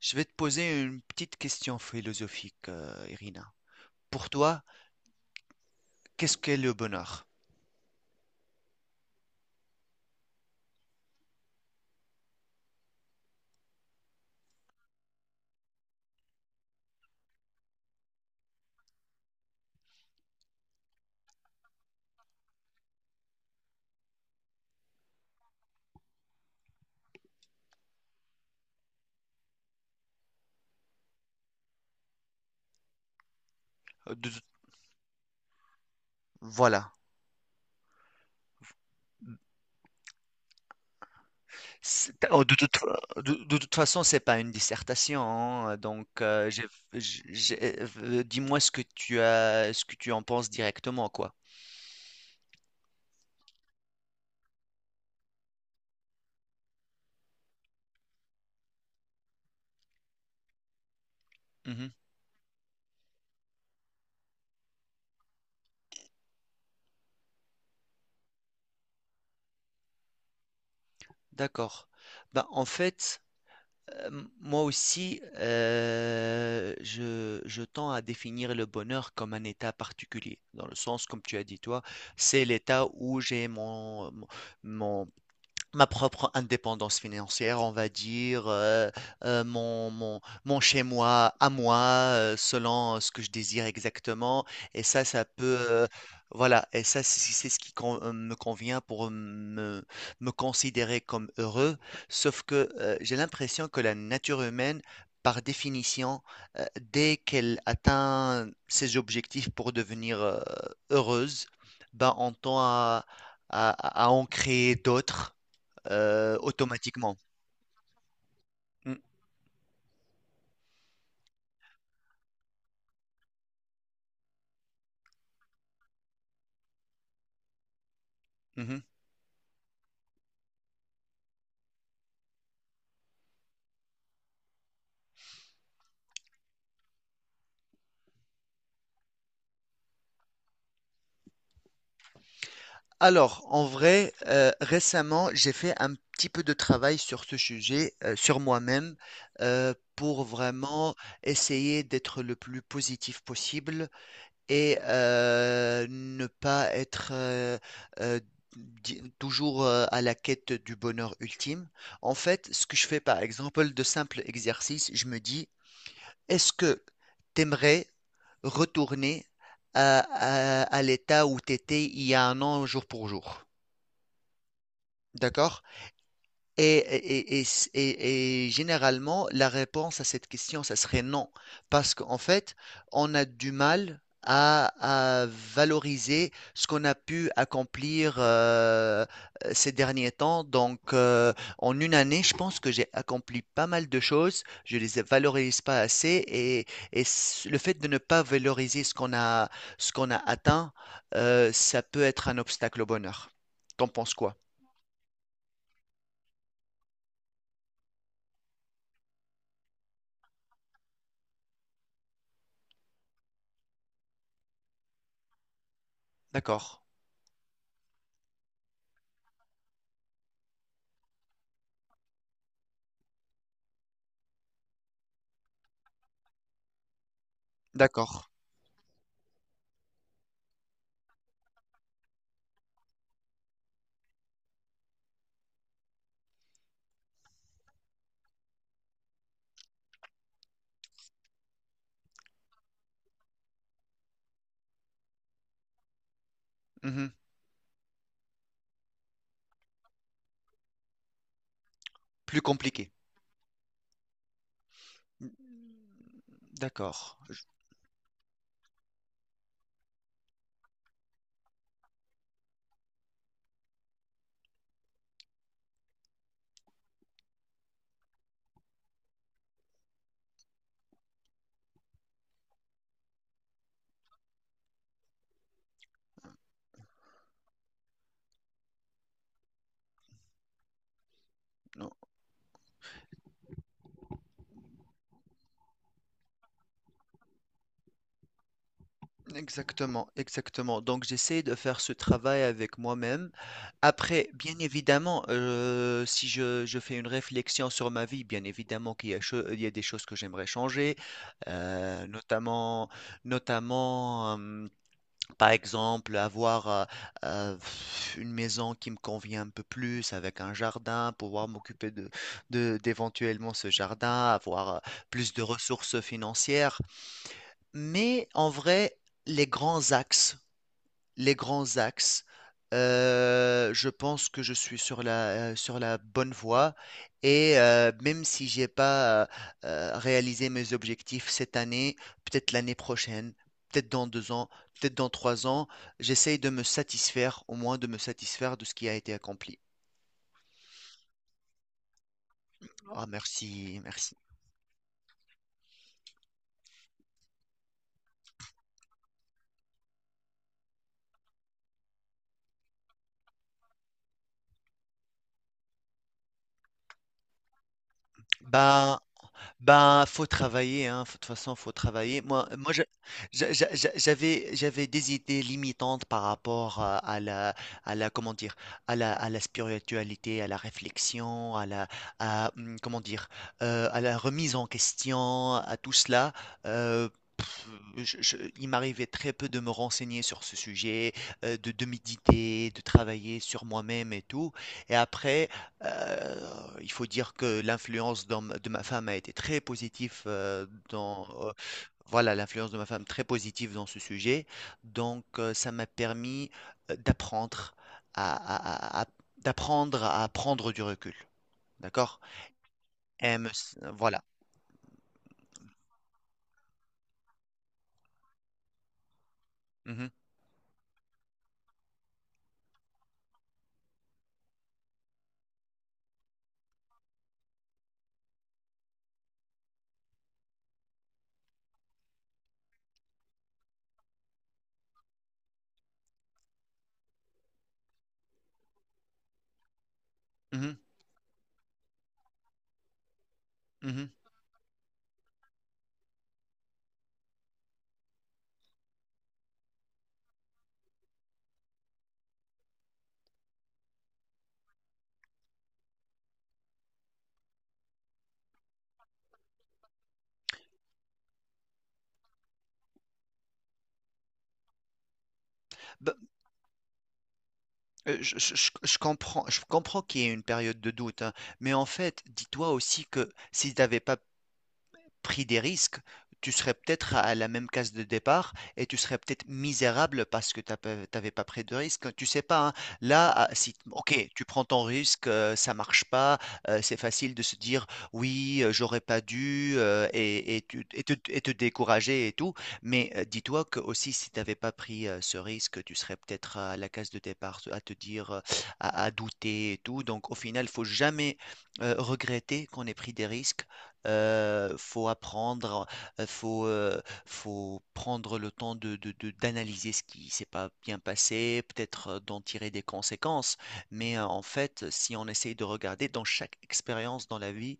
Je vais te poser une petite question philosophique, Irina. Pour toi, qu'est-ce qu'est le bonheur? Euh, de tout- voilà. C'est- oh, De toute, de toute façon, c'est pas une dissertation, hein, donc dis-moi ce que tu as, ce que tu en penses directement, quoi. Mhm, d'accord. Ben, en fait. Euh, Moi aussi, je tends à définir le bonheur comme un état particulier, dans le sens, comme tu as dit toi, c'est l'état où j'ai mon, ma propre indépendance financière, on va dire, mon chez-moi à moi, selon ce que je désire exactement. Et ça, voilà, et ça, c'est ce qui me convient pour me considérer comme heureux. Sauf que j'ai l'impression que la nature humaine, par définition, euh, dès qu'elle atteint ses objectifs pour devenir heureuse, ben, on tend à, à en créer d'autres automatiquement. Mm, mhm. Alors, en vrai, récemment, j'ai fait un petit peu de travail sur ce sujet, sur moi-même, pour vraiment essayer d'être le plus positif possible et ne pas être euh, toujours à la quête du bonheur ultime. En fait, ce que je fais, par exemple, de simples exercices, je me dis, est-ce que t'aimerais retourner à l'état où t'étais il y a 1 an, jour pour jour? D'accord? Et, et, et, et Généralement, la réponse à cette question, ça serait non. Parce qu'en fait, on a du mal à valoriser ce qu'on a pu accomplir ces derniers temps. Donc, en 1 année, je pense que j'ai accompli pas mal de choses. Je les valorise pas assez. Et le fait de ne pas valoriser ce qu'on a atteint, ça peut être un obstacle au bonheur. T'en penses quoi? D'accord, d'accord. Mhm. Plus compliqué. D'accord. Non, exactement, exactement. Donc j'essaie de faire ce travail avec moi-même. Après, bien évidemment, si je fais une réflexion sur ma vie, bien évidemment qu'il y a il y a des choses que j'aimerais changer, notamment, notamment. Par exemple, avoir euh, une maison qui me convient un peu plus, avec un jardin, pouvoir m'occuper d'éventuellement ce jardin, avoir plus de ressources financières. Mais en vrai, les grands axes les grands axes. Je pense que je suis sur la bonne voie et même si j'ai pas réalisé mes objectifs cette année, peut-être l'année prochaine, peut-être dans 2 ans, peut-être dans 3 ans, j'essaye de me satisfaire, au moins de me satisfaire de ce qui a été accompli. Ah, merci, merci. Ben, ben, faut travailler, hein. De toute façon, faut travailler. Moi, j'avais des idées limitantes par rapport à la, à la, comment dire, à la, à la spiritualité, à la réflexion, à, hum, comment dire, à la remise en question, à tout cela. Euh, pff, il m'arrivait très peu de me renseigner sur ce sujet, de méditer, de travailler sur moi-même et tout. Et après, euh, il faut dire que de ma femme a été très positive dans voilà, l'influence de ma femme très positive dans ce sujet. Donc ça m'a permis d'apprendre à- d'apprendre à prendre du recul. D'accord? Et voilà. Mhm, mhm, mhm. Bah, je comprends qu'il y ait une période de doute, hein, mais en fait, dis-toi aussi que si tu n'avais pas pris des risques, tu serais peut-être à la même case de départ et tu serais peut-être misérable parce que tu n'avais pas pris de risque. Tu sais pas, hein. Là, ah, si, ok, tu prends ton risque, ça marche pas, c'est facile de se dire oui, j'aurais pas dû et te décourager et tout. Mais dis-toi que aussi, si tu n'avais pas pris ce risque, tu serais peut-être à la case de départ, à te dire, à douter et tout. Donc, au final, il faut jamais regretter qu'on ait pris des risques faut apprendre, euh, faut, euh, faut prendre le temps de, d'analyser ce qui s'est pas bien passé, peut-être d'en tirer des conséquences. Mais en fait, si on essaye de regarder dans chaque expérience dans la vie,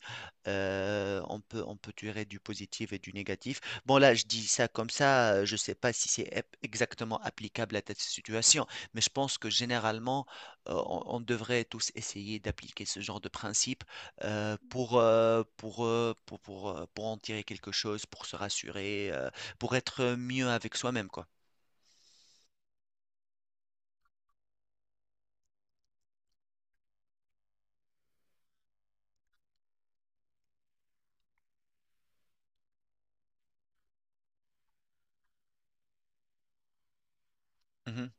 on peut tirer du positif et du négatif. Bon, là, je dis ça comme ça, je sais pas si c'est exactement applicable à cette situation, mais je pense que généralement, on devrait tous essayer d'appliquer ce genre de principe pour, pour en tirer quelque chose, pour se rassurer, pour être mieux avec soi-même, quoi. Mhm,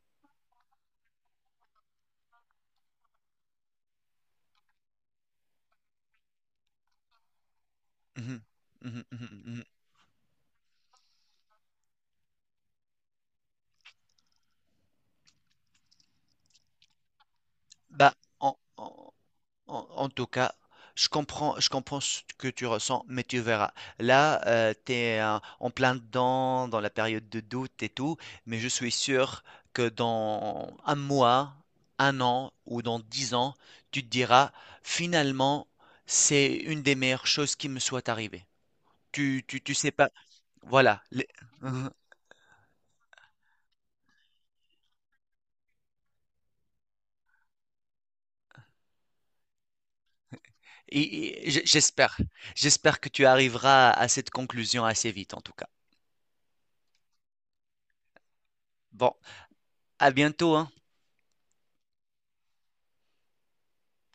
mhm, mhm, mhm, mhm. Bah, en, en- En, en tout cas, je comprends ce que tu ressens, mais tu verras. Là, tu es en plein dedans, dans la période de doute et tout, mais je suis sûr que dans 1 mois, 1 an ou dans 10 ans, tu te diras, finalement, c'est une des meilleures choses qui me soit arrivée. Tu sais pas. Voilà. Et j'espère. J'espère que tu arriveras à cette conclusion assez vite, en tout cas. Bon, à bientôt, hein.